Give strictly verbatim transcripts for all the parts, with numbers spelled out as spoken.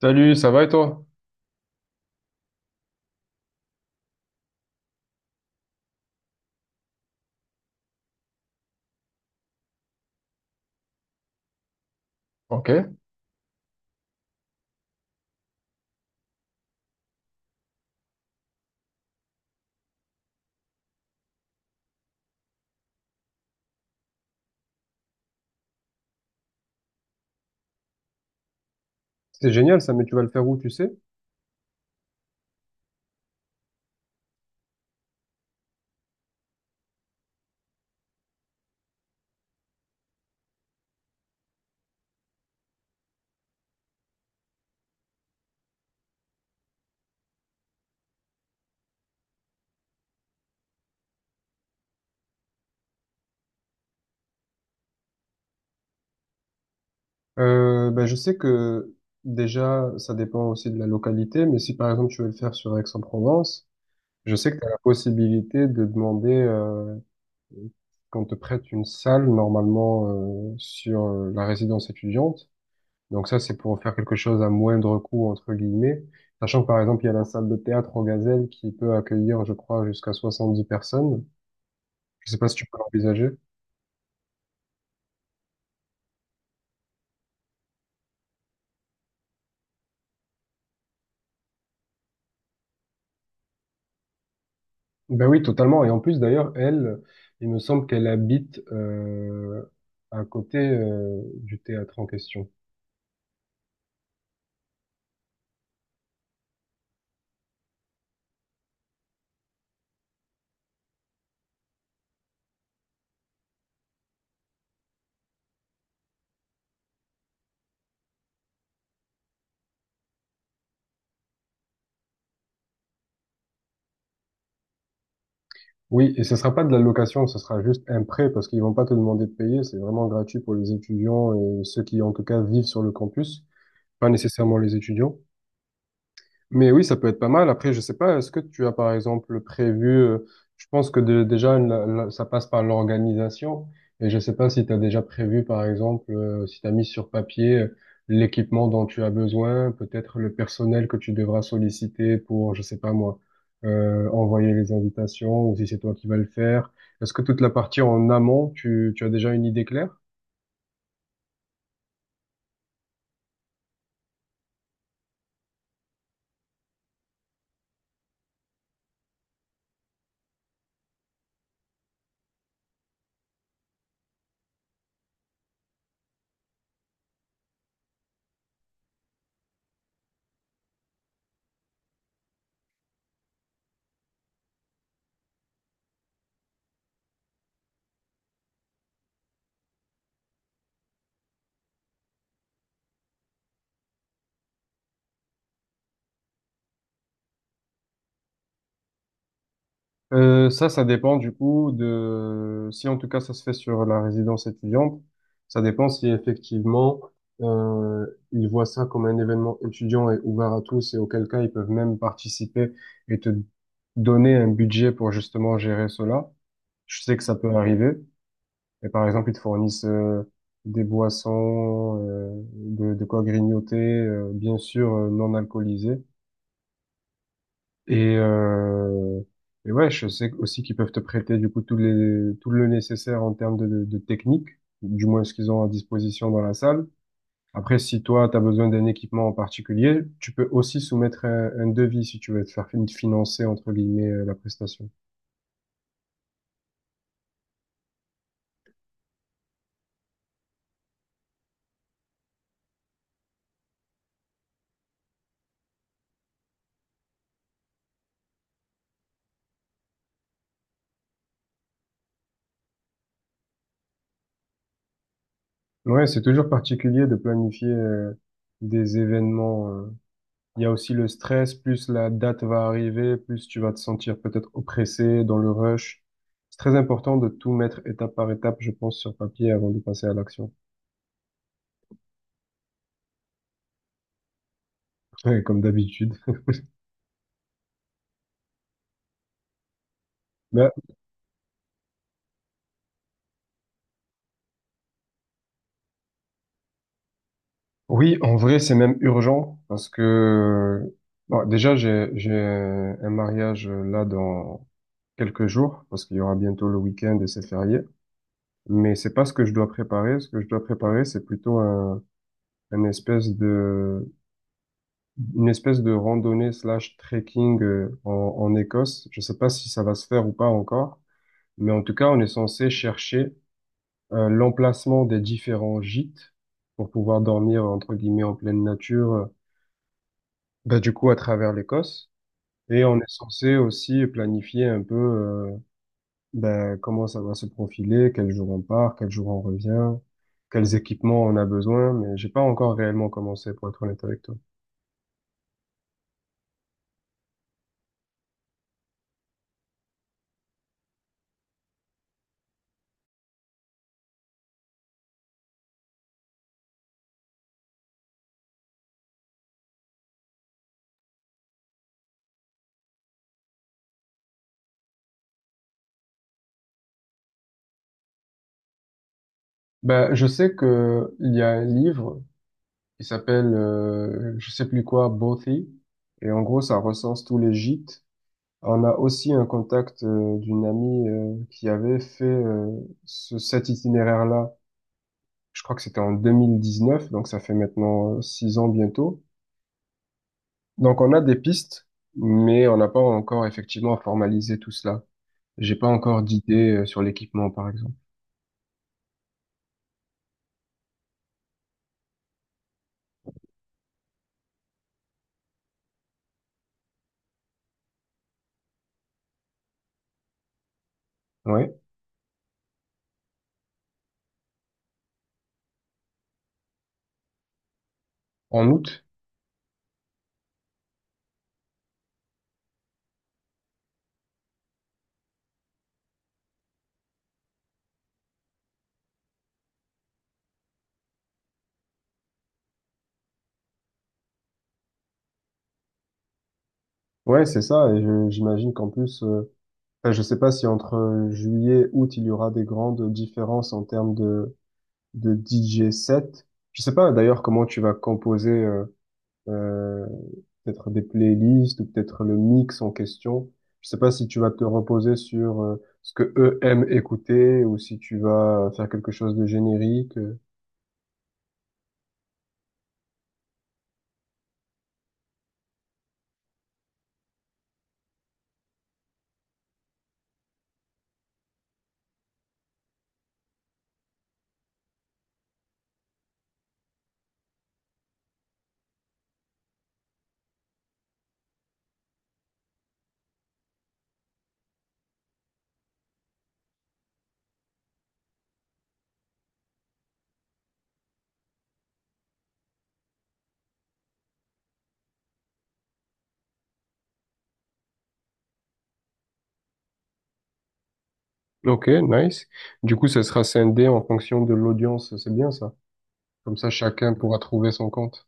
Salut, ça va et toi? Ok, c'est génial ça, mais tu vas le faire où, tu sais? Euh, ben, je sais que déjà, ça dépend aussi de la localité, mais si par exemple tu veux le faire sur Aix-en-Provence, je sais que tu as la possibilité de demander euh, qu'on te prête une salle normalement euh, sur euh, la résidence étudiante. Donc ça, c'est pour faire quelque chose à moindre coût, entre guillemets. Sachant que par exemple, il y a la salle de théâtre au Gazelle qui peut accueillir, je crois, jusqu'à soixante-dix personnes. Je sais pas si tu peux l'envisager. Ben oui, totalement. Et en plus, d'ailleurs, elle, il me semble qu'elle habite euh, à côté euh, du théâtre en question. Oui, et ce sera pas de la location, ce sera juste un prêt parce qu'ils vont pas te demander de payer. C'est vraiment gratuit pour les étudiants et ceux qui, en tout cas, vivent sur le campus, pas nécessairement les étudiants. Mais oui, ça peut être pas mal. Après, je sais pas, est-ce que tu as par exemple prévu, euh, je pense que de- déjà la- la- ça passe par l'organisation et je sais pas si tu as déjà prévu par exemple euh, si tu as mis sur papier euh, l'équipement dont tu as besoin, peut-être le personnel que tu devras solliciter pour, je sais pas moi, euh, envoyer les invitations ou si c'est toi qui vas le faire. Est-ce que toute la partie en amont, tu, tu as déjà une idée claire? Euh, ça, ça dépend du coup de si en tout cas ça se fait sur la résidence étudiante, ça dépend si effectivement euh, ils voient ça comme un événement étudiant et ouvert à tous et auquel cas ils peuvent même participer et te donner un budget pour justement gérer cela. Je sais que ça peut arriver. Et par exemple, ils te fournissent euh, des boissons, euh, de, de quoi grignoter, euh, bien sûr euh, non alcoolisées. Et, euh, et ouais, je sais aussi qu'ils peuvent te prêter du coup tous les, tout le nécessaire en termes de, de, de technique, du moins ce qu'ils ont à disposition dans la salle. Après, si toi, tu as besoin d'un équipement en particulier, tu peux aussi soumettre un, un devis si tu veux te faire fin- financer, entre guillemets, euh, la prestation. Ouais, c'est toujours particulier de planifier euh, des événements. euh, Il y a aussi le stress, plus la date va arriver, plus tu vas te sentir peut-être oppressé dans le rush. C'est très important de tout mettre étape par étape, je pense, sur papier avant de passer à l'action. Ouais, comme d'habitude. Ben, oui, en vrai, c'est même urgent parce que bon, déjà, j'ai, j'ai un mariage euh, là dans quelques jours parce qu'il y aura bientôt le week-end et c'est férié. Mais c'est pas ce que je dois préparer. Ce que je dois préparer, c'est plutôt un, un espèce de une espèce de randonnée slash trekking euh, en, en Écosse. Je sais pas si ça va se faire ou pas encore, mais en tout cas, on est censé chercher euh, l'emplacement des différents gîtes pour pouvoir dormir, entre guillemets, en pleine nature, euh, bah, du coup, à travers l'Écosse. Et on est censé aussi planifier un peu euh, ben, comment ça va se profiler, quel jour on part, quel jour on revient, quels équipements on a besoin, mais j'ai pas encore réellement commencé, pour être honnête avec toi. Ben, je sais que il y a un livre. Il s'appelle, euh, je sais plus quoi, Bothy. Et en gros, ça recense tous les gîtes. On a aussi un contact euh, d'une amie euh, qui avait fait euh, ce, cet itinéraire-là. Je crois que c'était en 2019, donc ça fait maintenant euh, six ans bientôt. Donc on a des pistes, mais on n'a pas encore effectivement formalisé tout cela. J'ai pas encore d'idée euh, sur l'équipement, par exemple. Ouais. En août. Ouais, c'est ça. Et je- j'imagine qu'en plus, euh, enfin, je ne sais pas si entre euh, juillet, août, il y aura des grandes différences en termes de, de D J set. Je ne sais pas d'ailleurs comment tu vas composer euh, euh, peut-être des playlists ou peut-être le mix en question. Je ne sais pas si tu vas te reposer sur euh, ce que eux aiment écouter ou si tu vas faire quelque chose de générique. euh. Ok, nice. Du coup, ça sera scindé en fonction de l'audience. C'est bien ça. Comme ça, chacun pourra trouver son compte.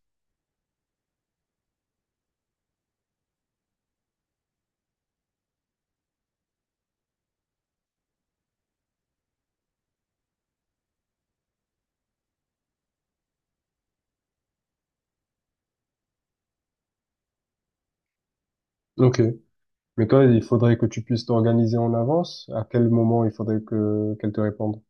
Ok. Mais toi, il faudrait que tu puisses t'organiser en avance. À quel moment il faudrait que qu'elle te réponde?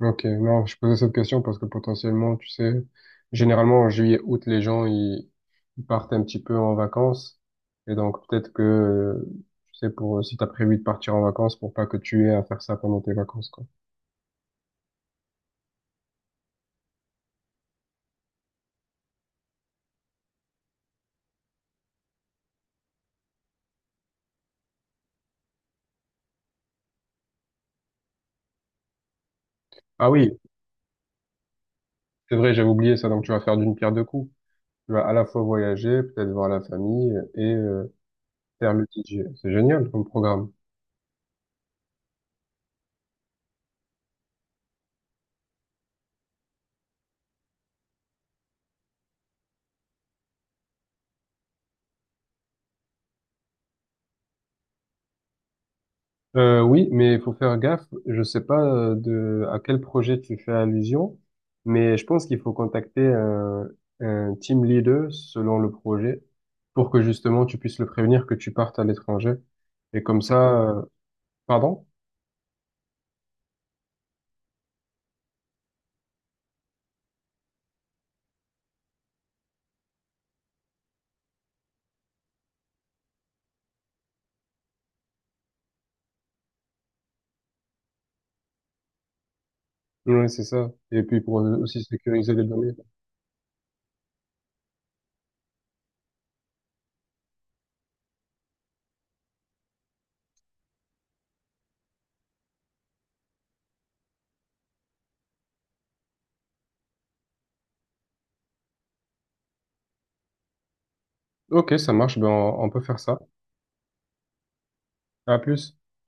Ok, non, je posais cette question parce que potentiellement, tu sais, généralement en juillet, août, les gens ils, ils partent un petit peu en vacances et donc peut-être que euh, tu sais pour si t'as prévu de partir en vacances pour pas que tu aies à faire ça pendant tes vacances quoi. Ah oui, c'est vrai, j'avais oublié ça. Donc tu vas faire d'une pierre deux coups. Tu vas à la fois voyager, peut-être voir la famille et euh, faire le D J. C'est génial comme programme. Euh, oui, mais il faut faire gaffe. Je sais pas euh, de à quel projet tu fais allusion, mais je pense qu'il faut contacter un, un team leader selon le projet pour que justement tu puisses le prévenir que tu partes à l'étranger. Et comme ça, euh, pardon? Oui, c'est ça. Et puis pour aussi sécuriser les données. Ok, ça marche. Ben on on peut faire ça. À plus.